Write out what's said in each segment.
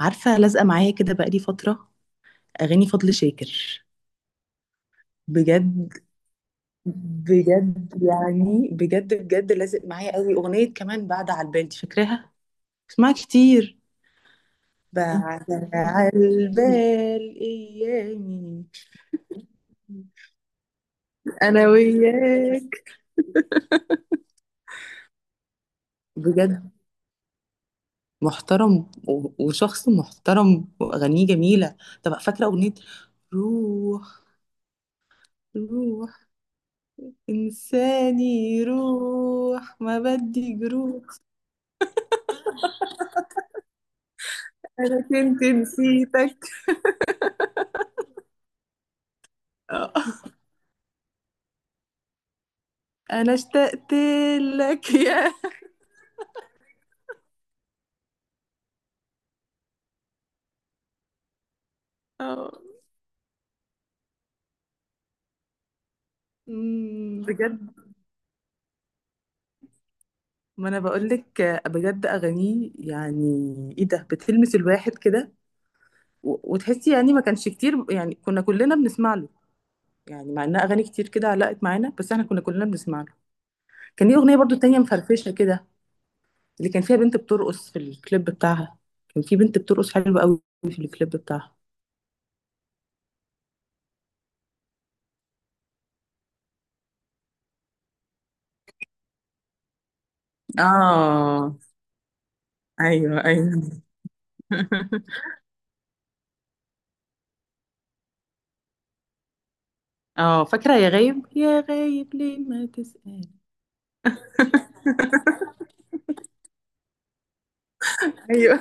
عارفة، لازقة معايا كده بقالي فترة. أغاني فضل شاكر. بجد بجد، يعني بجد بجد لازق معايا قوي. أغنية كمان بعد على البال، دي فاكراها؟ اسمعها كتير. بعد على البال أيامي. أنا وياك. بجد. محترم وشخص محترم وأغانيه جميلة. طب فاكرة أغنية روح؟ روح إنساني روح ما بدي جروح. أنا كنت نسيتك. آه. انا اشتقت لك يا. آه. مم، بجد. ما انا بقول لك. بجد اغانيه يعني ايه ده، بتلمس الواحد كده. وتحسي يعني ما كانش كتير، يعني كنا كلنا بنسمع له. يعني مع انها اغاني كتير كده علقت معانا، بس احنا كنا كلنا بنسمع له. كان ليه اغنيه برضو تانية مفرفشه كده، اللي كان فيها بنت بترقص في الكليب بتاعها. كان في بنت بترقص حلوه قوي في الكليب بتاعها. اه. ايوه ايوه. اه، فاكرة يا غايب يا غايب ليه ما تسأل؟ ايوه.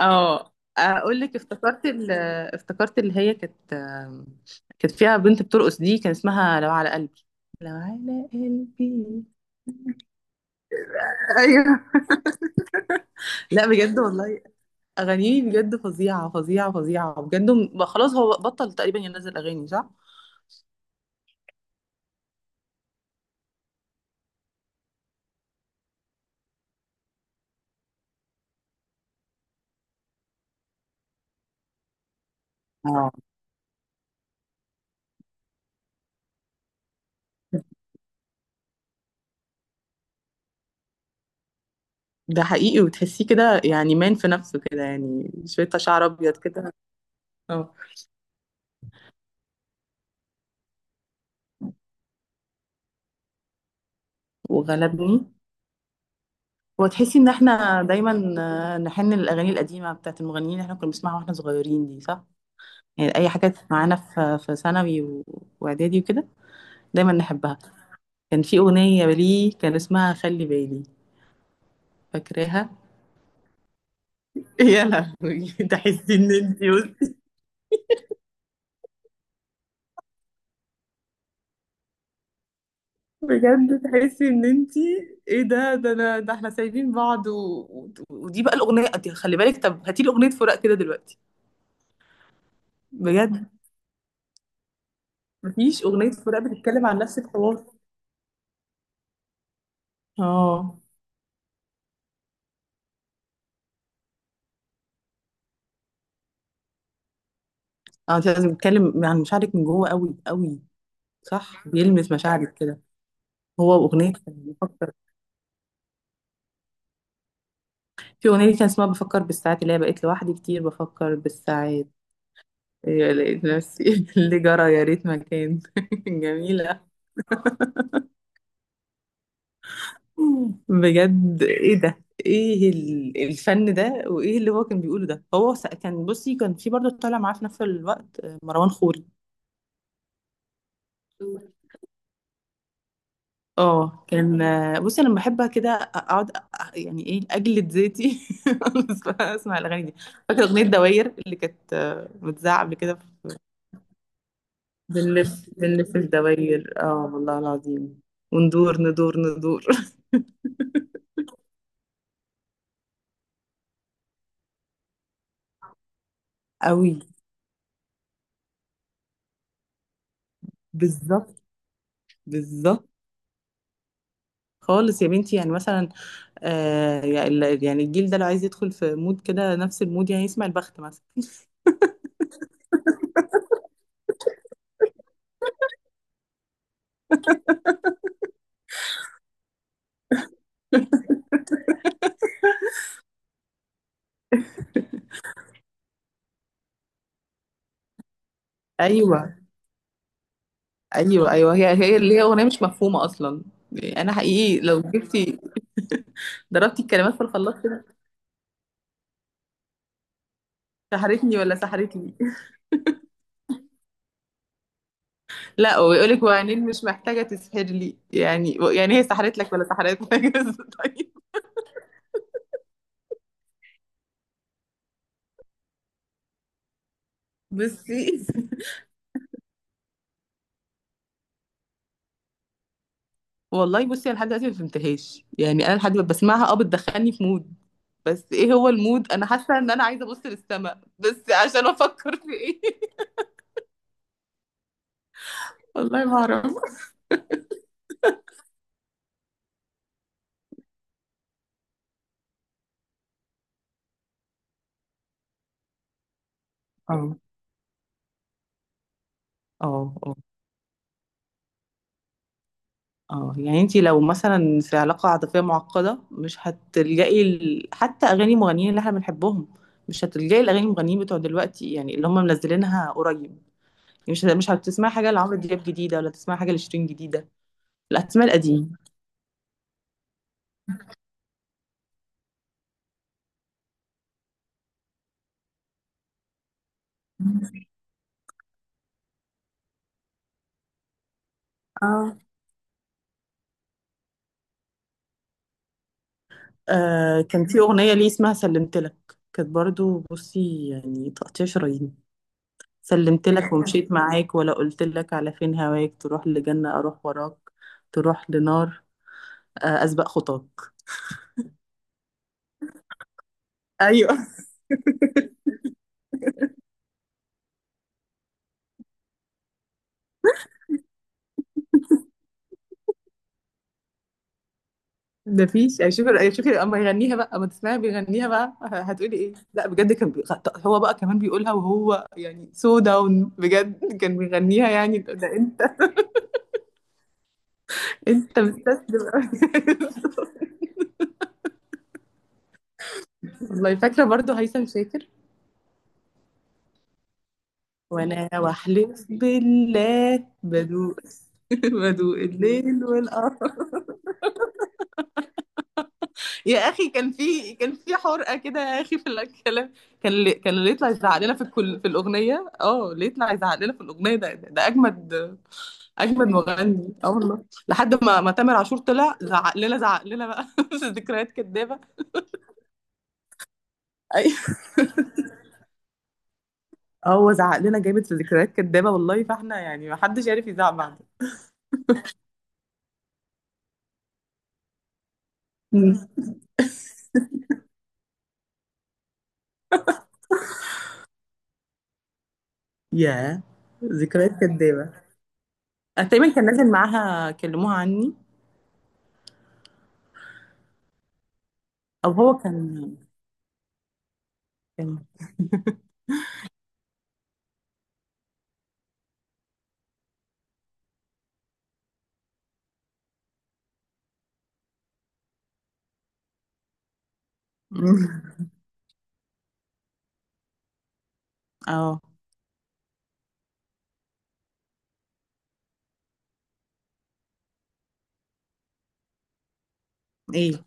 اه، اقول لك، افتكرت افتكرت اللي هي كانت، كانت فيها بنت بترقص دي، كان اسمها لو على قلبي. لو على قلبي. ايوه. لا بجد والله اغانيه بجد فظيعه فظيعه فظيعه، بجد خلاص، هو بطل تقريبا ينزل اغاني، صح. اه ده حقيقي. وتحسيه كده، يعني مان في نفسه كده، يعني شويه شعر ابيض كده. اه. وغلبني. وتحسي ان احنا دايما آه، نحن للاغاني القديمه بتاعت المغنيين اللي احنا كنا بنسمعها واحنا صغيرين دي، صح. يعني اي حاجات معانا في ثانوي واعدادي وكده. دايما نحبها. كان في اغنيه ليه كان اسمها خلي بالي، فاكراها؟ يا لهوي، تحسي ان انتي، بصي. بجد تحسي ان انتي ايه ده، ده انا، ده احنا سايبين بعض ودي بقى الاغنيه دي خلي بالك. طب هاتي لي اغنيه فراق كده دلوقتي، بجد. مفيش اغنيه فراق بتتكلم عن نفس الحوار. اه. اه، انت لازم تتكلم عن مشاعرك من جوه قوي قوي. صح، بيلمس مشاعرك كده. هو اغنيه كان بفكر، في اغنيه لي كان اسمها بفكر بالساعات، اللي هي بقيت لوحدي كتير بفكر بالساعات. إيه، لقيت نفسي اللي جرى يا ريت ما كان جميله. بجد ايه ده، ايه الفن ده، وايه اللي هو كان بيقوله ده. هو كان بصي، كان في برضه طالع معاه في نفس الوقت آه، مروان خوري. اه. كان بصي انا لما بحبها كده اقعد يعني ايه، اجلد ذاتي. اسمع الاغاني دي. فاكره اغنيه دواير اللي كانت متذاعه قبل كده. بنلف بنلف الدواير، اه والله العظيم. وندور ندور ندور. قوي. بالظبط. بالظبط خالص يا بنتي، يعني مثلا آه، يعني الجيل ده لو عايز يدخل في مود كده نفس المود، يعني يسمع البخت مثلا. ايوه ايوه ايوه. هي اللي هي اغنيه مش مفهومه اصلا، يعني انا حقيقي لو جبتي ضربتي الكلمات في الخلاط كده. سحرتني ولا سحرتني. لا، ويقولك وعينين مش محتاجة تسحر لي، يعني هي سحرت لك ولا سحرت لك. طيب. بصي، والله بصي، انا لحد دلوقتي ما فهمتهاش، يعني انا لحد ما بسمعها اه بتدخلني في مود، بس ايه هو المود؟ انا حاسه ان انا عايزه ابص للسما بس عشان افكر في ايه؟ والله ما اعرف. اه اه اه. يعني انتي لو مثلا في علاقة عاطفية معقدة، مش هتلجئي حتى اغاني مغنيين اللي احنا بنحبهم، مش هتلجئي الاغاني المغنيين بتوع دلوقتي، يعني اللي هم منزلينها قريب. يعني مش هتسمعي حاجة لعمرو دياب جديدة، ولا تسمعي حاجة لشيرين جديدة. لا، هتسمعي القديم. اه. آه كان في اغنية ليه اسمها سلمتلك، كانت برضو بصي يعني تقطيع شرايين. سلمتلك ومشيت معاك، ولا قلتلك على فين هواك؟ تروح لجنة اروح وراك، تروح لنار آه اسبق خطاك. ايوه. ده فيش، يعني شوفي، يعني شوفي اما يغنيها بقى، اما تسمعي بيغنيها بقى هتقولي ايه. لا بجد، كان هو بقى كمان بيقولها، وهو يعني سو داون بجد كان بيغنيها، يعني ده انت. انت مستسلم أوي. والله، فاكره برضو هيثم شاكر. وانا واحلف بالله بدوق. بدوق الليل والقمر. يا اخي كان في حرقه كده، يا اخي في الكلام. كان اللي يطلع يزعق لنا في الكل في الاغنيه، اه اللي يطلع يزعق لنا في الاغنيه ده، ده ده اجمد اجمد مغني، اه والله، لحد ما تامر عاشور طلع زعق لنا، زعق لنا بقى في ذكريات كدابه. ايوه. اه، هو زعق لنا جامد في ذكريات كدابه، والله فاحنا يعني ما حدش عارف يزعق بعد. يا ذكريات كدابه، أنا تقريبا كان نازل معاها. كلموها عني. او هو كان. اه. ايه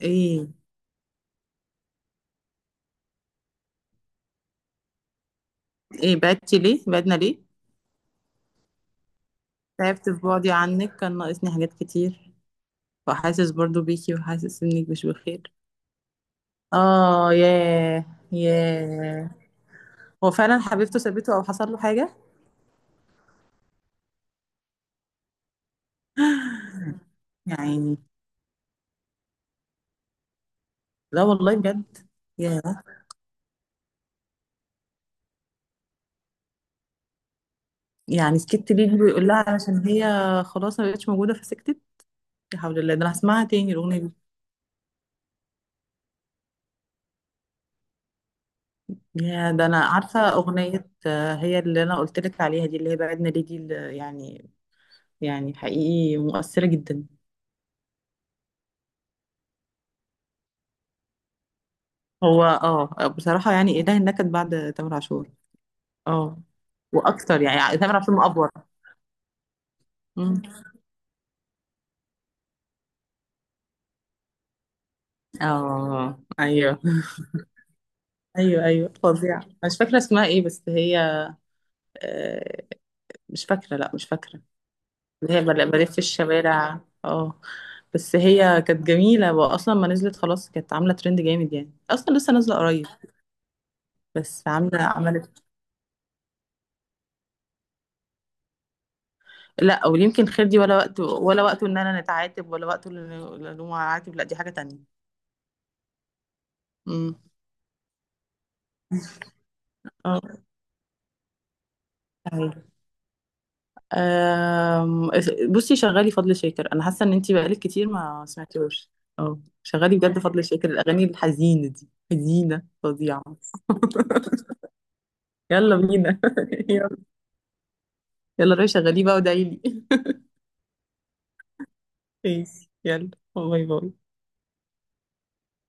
ايه؟ ايه بعدتي ليه، بعدنا ليه؟ تعبت في بعدي عنك، كان ناقصني حاجات كتير، وحاسس برضو بيكي وحاسس انك مش بخير. اه ياه. ياه. هو فعلا حبيبته سابته او حصل له حاجة؟ يعني. لا والله بجد. ياه. يعني سكت ليه اللي بيقول لها؟ علشان هي خلاص ما بقتش موجودة فسكتت. لا حول الله، ده انا هسمعها تاني الأغنية دي. يا ده، انا عارفة أغنية آه، هي اللي انا قلت لك عليها دي، اللي هي بعدنا ليه دي اللي يعني. يعني حقيقي مؤثرة جدا. هو اه بصراحة يعني إله النكد بعد تامر عاشور. اه. وأكتر، يعني تامر عاشور مأفور. مم. اه أيوه. أيوه أيوه فظيع. مش فاكرة اسمها إيه بس هي آه، مش فاكرة، لا مش فاكرة. اللي هي بلف في الشوارع. اه. بس هي كانت جميلة وأصلا ما نزلت خلاص، كانت عاملة ترند جامد يعني، أصلا لسه نازلة قريب. بس عاملة عملت. لا، ولا يمكن خير دي، ولا وقت، ولا وقته إن أنا نتعاتب، ولا وقته إن إن هو عاتب. لا دي حاجة تانية. امم. اه. أم، بصي شغالي فضل شاكر، انا حاسه ان انتي بقالك كتير ما سمعتيهوش. اه، شغالي بجد فضل شاكر، الاغاني الحزينه دي حزينه فظيعه. يلا بينا. يلا. يلا روحي شغليه بقى ودعيلي. ماشي، يلا باي باي.